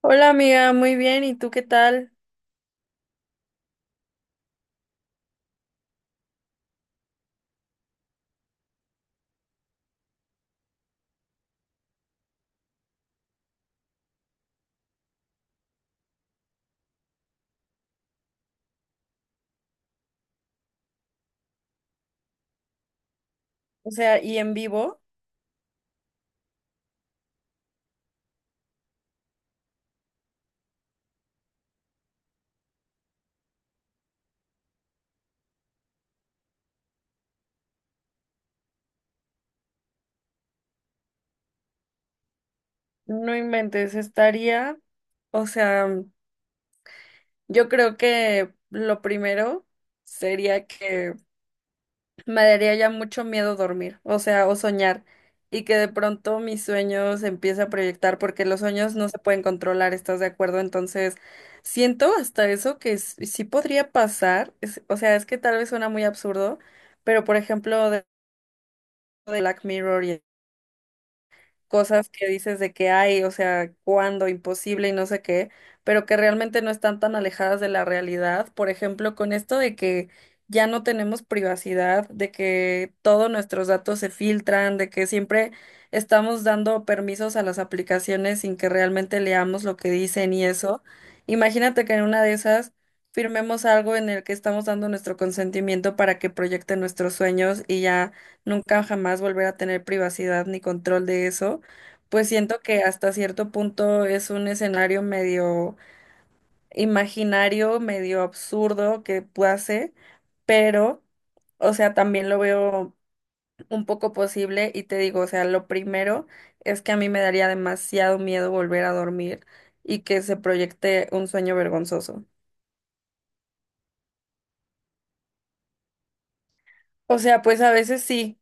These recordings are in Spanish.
Hola amiga, muy bien, ¿y tú qué tal? O sea, y en vivo, no inventes, estaría, o sea, yo creo que lo primero sería que me daría ya mucho miedo dormir, o sea, o soñar, y que de pronto mis sueños se empiece a proyectar, porque los sueños no se pueden controlar, ¿estás de acuerdo? Entonces, siento hasta eso que sí podría pasar, o sea, es que tal vez suena muy absurdo, pero por ejemplo, de Black Mirror y cosas que dices de que hay, o sea, cuándo, imposible y no sé qué, pero que realmente no están tan alejadas de la realidad. Por ejemplo, con esto de que ya no tenemos privacidad, de que todos nuestros datos se filtran, de que siempre estamos dando permisos a las aplicaciones sin que realmente leamos lo que dicen y eso. Imagínate que en una de esas firmemos algo en el que estamos dando nuestro consentimiento para que proyecten nuestros sueños y ya nunca jamás volver a tener privacidad ni control de eso. Pues siento que hasta cierto punto es un escenario medio imaginario, medio absurdo que hace, pero, o sea, también lo veo un poco posible y te digo, o sea, lo primero es que a mí me daría demasiado miedo volver a dormir y que se proyecte un sueño vergonzoso. O sea, pues a veces sí.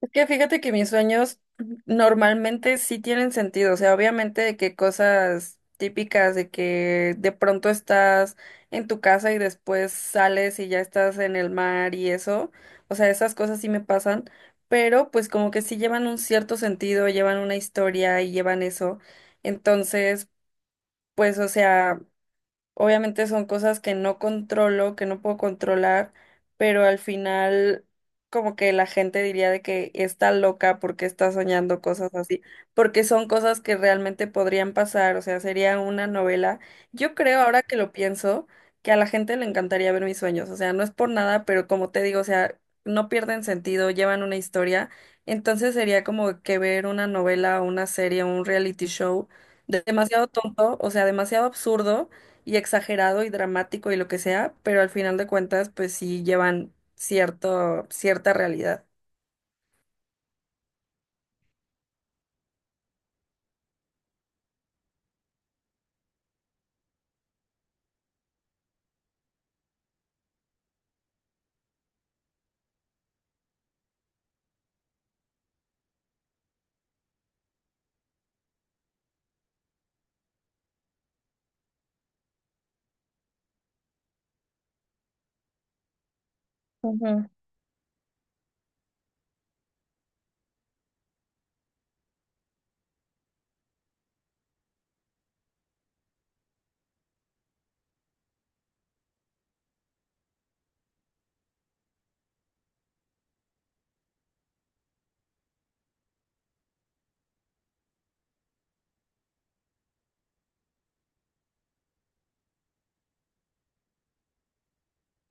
Es que fíjate que mis sueños normalmente sí tienen sentido, o sea, obviamente de que cosas típicas de que de pronto estás en tu casa y después sales y ya estás en el mar y eso, o sea, esas cosas sí me pasan, pero pues como que sí llevan un cierto sentido, llevan una historia y llevan eso. Entonces, pues o sea, obviamente son cosas que no controlo, que no puedo controlar, pero al final como que la gente diría de que está loca porque está soñando cosas así, porque son cosas que realmente podrían pasar, o sea, sería una novela. Yo creo, ahora que lo pienso, que a la gente le encantaría ver mis sueños, o sea, no es por nada, pero como te digo, o sea, no pierden sentido, llevan una historia, entonces sería como que ver una novela, una serie, un reality show demasiado tonto, o sea, demasiado absurdo y exagerado y dramático y lo que sea, pero al final de cuentas, pues sí llevan cierto, cierta realidad.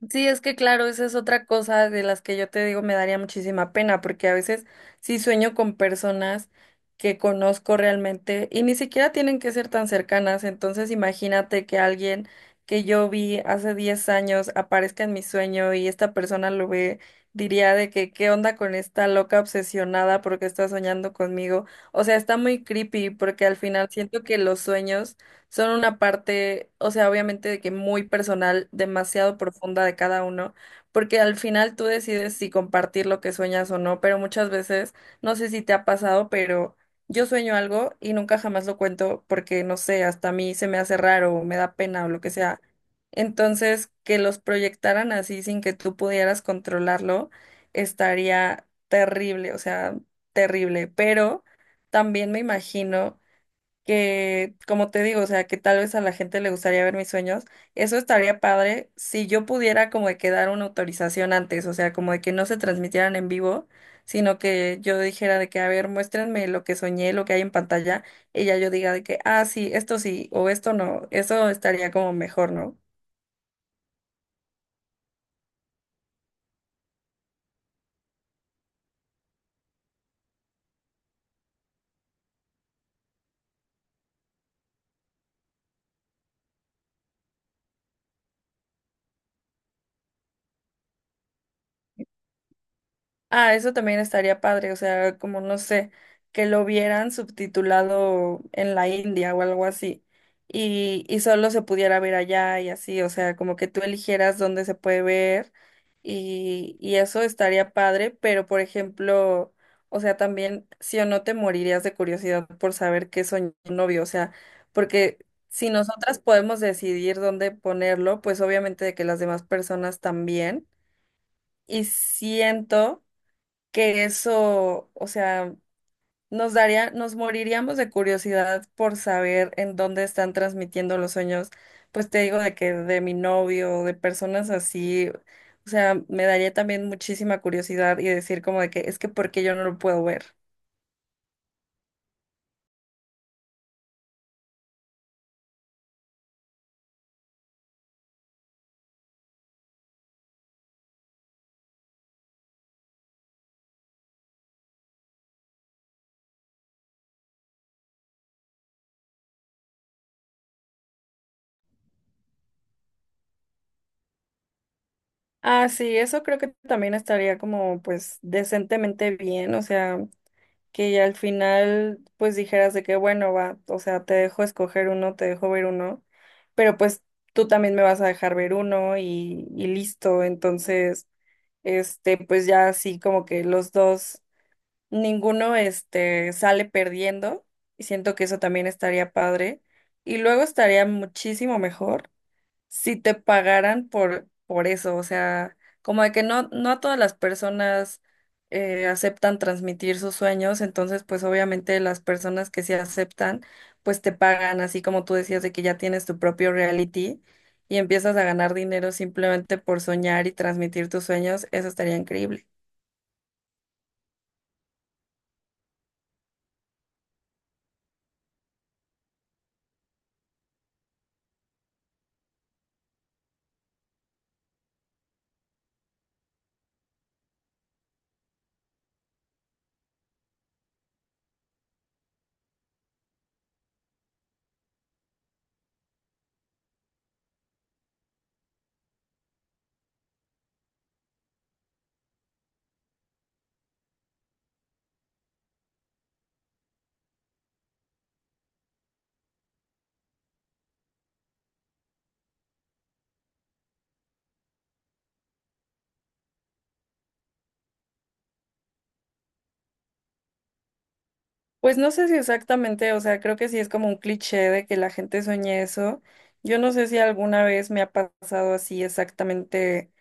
Sí, es que claro, esa es otra cosa de las que yo te digo me daría muchísima pena, porque a veces sí sueño con personas que conozco realmente y ni siquiera tienen que ser tan cercanas, entonces imagínate que alguien que yo vi hace 10 años aparezca en mi sueño y esta persona lo ve, diría de que qué onda con esta loca obsesionada porque está soñando conmigo. O sea, está muy creepy porque al final siento que los sueños son una parte, o sea, obviamente de que muy personal, demasiado profunda de cada uno, porque al final tú decides si compartir lo que sueñas o no, pero muchas veces, no sé si te ha pasado, pero yo sueño algo y nunca jamás lo cuento porque, no sé, hasta a mí se me hace raro o me da pena o lo que sea. Entonces, que los proyectaran así sin que tú pudieras controlarlo, estaría terrible, o sea, terrible, pero también me imagino que, como te digo, o sea, que tal vez a la gente le gustaría ver mis sueños, eso estaría padre si yo pudiera como de que dar una autorización antes, o sea, como de que no se transmitieran en vivo, sino que yo dijera de que, a ver, muéstrenme lo que soñé, lo que hay en pantalla, y ya yo diga de que, ah, sí, esto sí, o esto no, eso estaría como mejor, ¿no? Ah, eso también estaría padre, o sea, como no sé, que lo vieran subtitulado en la India o algo así, y, solo se pudiera ver allá y así, o sea, como que tú eligieras dónde se puede ver y, eso estaría padre, pero por ejemplo, o sea, también sí o no te morirías de curiosidad por saber qué soñó tu novio, o sea, porque si nosotras podemos decidir dónde ponerlo, pues obviamente de que las demás personas también, y siento que eso, o sea, nos daría, nos moriríamos de curiosidad por saber en dónde están transmitiendo los sueños. Pues te digo de que de mi novio, de personas así, o sea, me daría también muchísima curiosidad y decir como de que es que ¿por qué yo no lo puedo ver? Ah, sí, eso creo que también estaría como pues decentemente bien, o sea, que ya al final pues dijeras de que bueno, va, o sea, te dejo escoger uno, te dejo ver uno, pero pues tú también me vas a dejar ver uno y, listo, entonces, este, pues ya así como que los dos, ninguno, este, sale perdiendo y siento que eso también estaría padre y luego estaría muchísimo mejor si te pagaran por eso, o sea, como de que no a todas las personas aceptan transmitir sus sueños, entonces pues obviamente las personas que sí aceptan, pues te pagan, así como tú decías de que ya tienes tu propio reality y empiezas a ganar dinero simplemente por soñar y transmitir tus sueños, eso estaría increíble. Pues no sé si exactamente, o sea, creo que sí es como un cliché de que la gente sueñe eso. Yo no sé si alguna vez me ha pasado así exactamente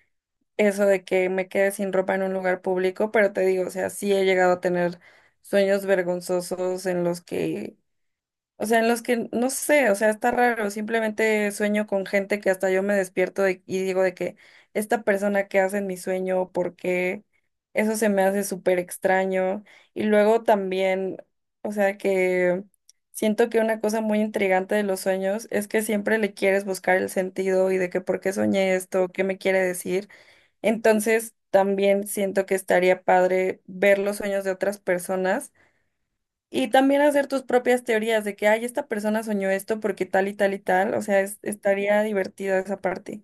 eso de que me quede sin ropa en un lugar público, pero te digo, o sea, sí he llegado a tener sueños vergonzosos en los que, o sea, en los que no sé, o sea, está raro, simplemente sueño con gente que hasta yo me despierto y digo de que esta persona que hace en mi sueño, ¿por qué? Eso se me hace súper extraño. Y luego también, o sea, que siento que una cosa muy intrigante de los sueños es que siempre le quieres buscar el sentido y de que por qué soñé esto, qué me quiere decir. Entonces, también siento que estaría padre ver los sueños de otras personas y también hacer tus propias teorías de que, ay, esta persona soñó esto porque tal y tal y tal. O sea, estaría divertida esa parte.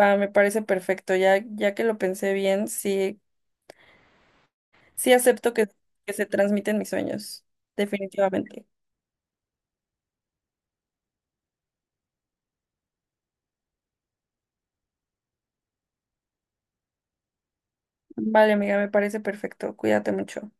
Va, me parece perfecto. Ya, ya que lo pensé bien, sí, sí acepto que se transmiten mis sueños, definitivamente. Vale, amiga, me parece perfecto. Cuídate mucho.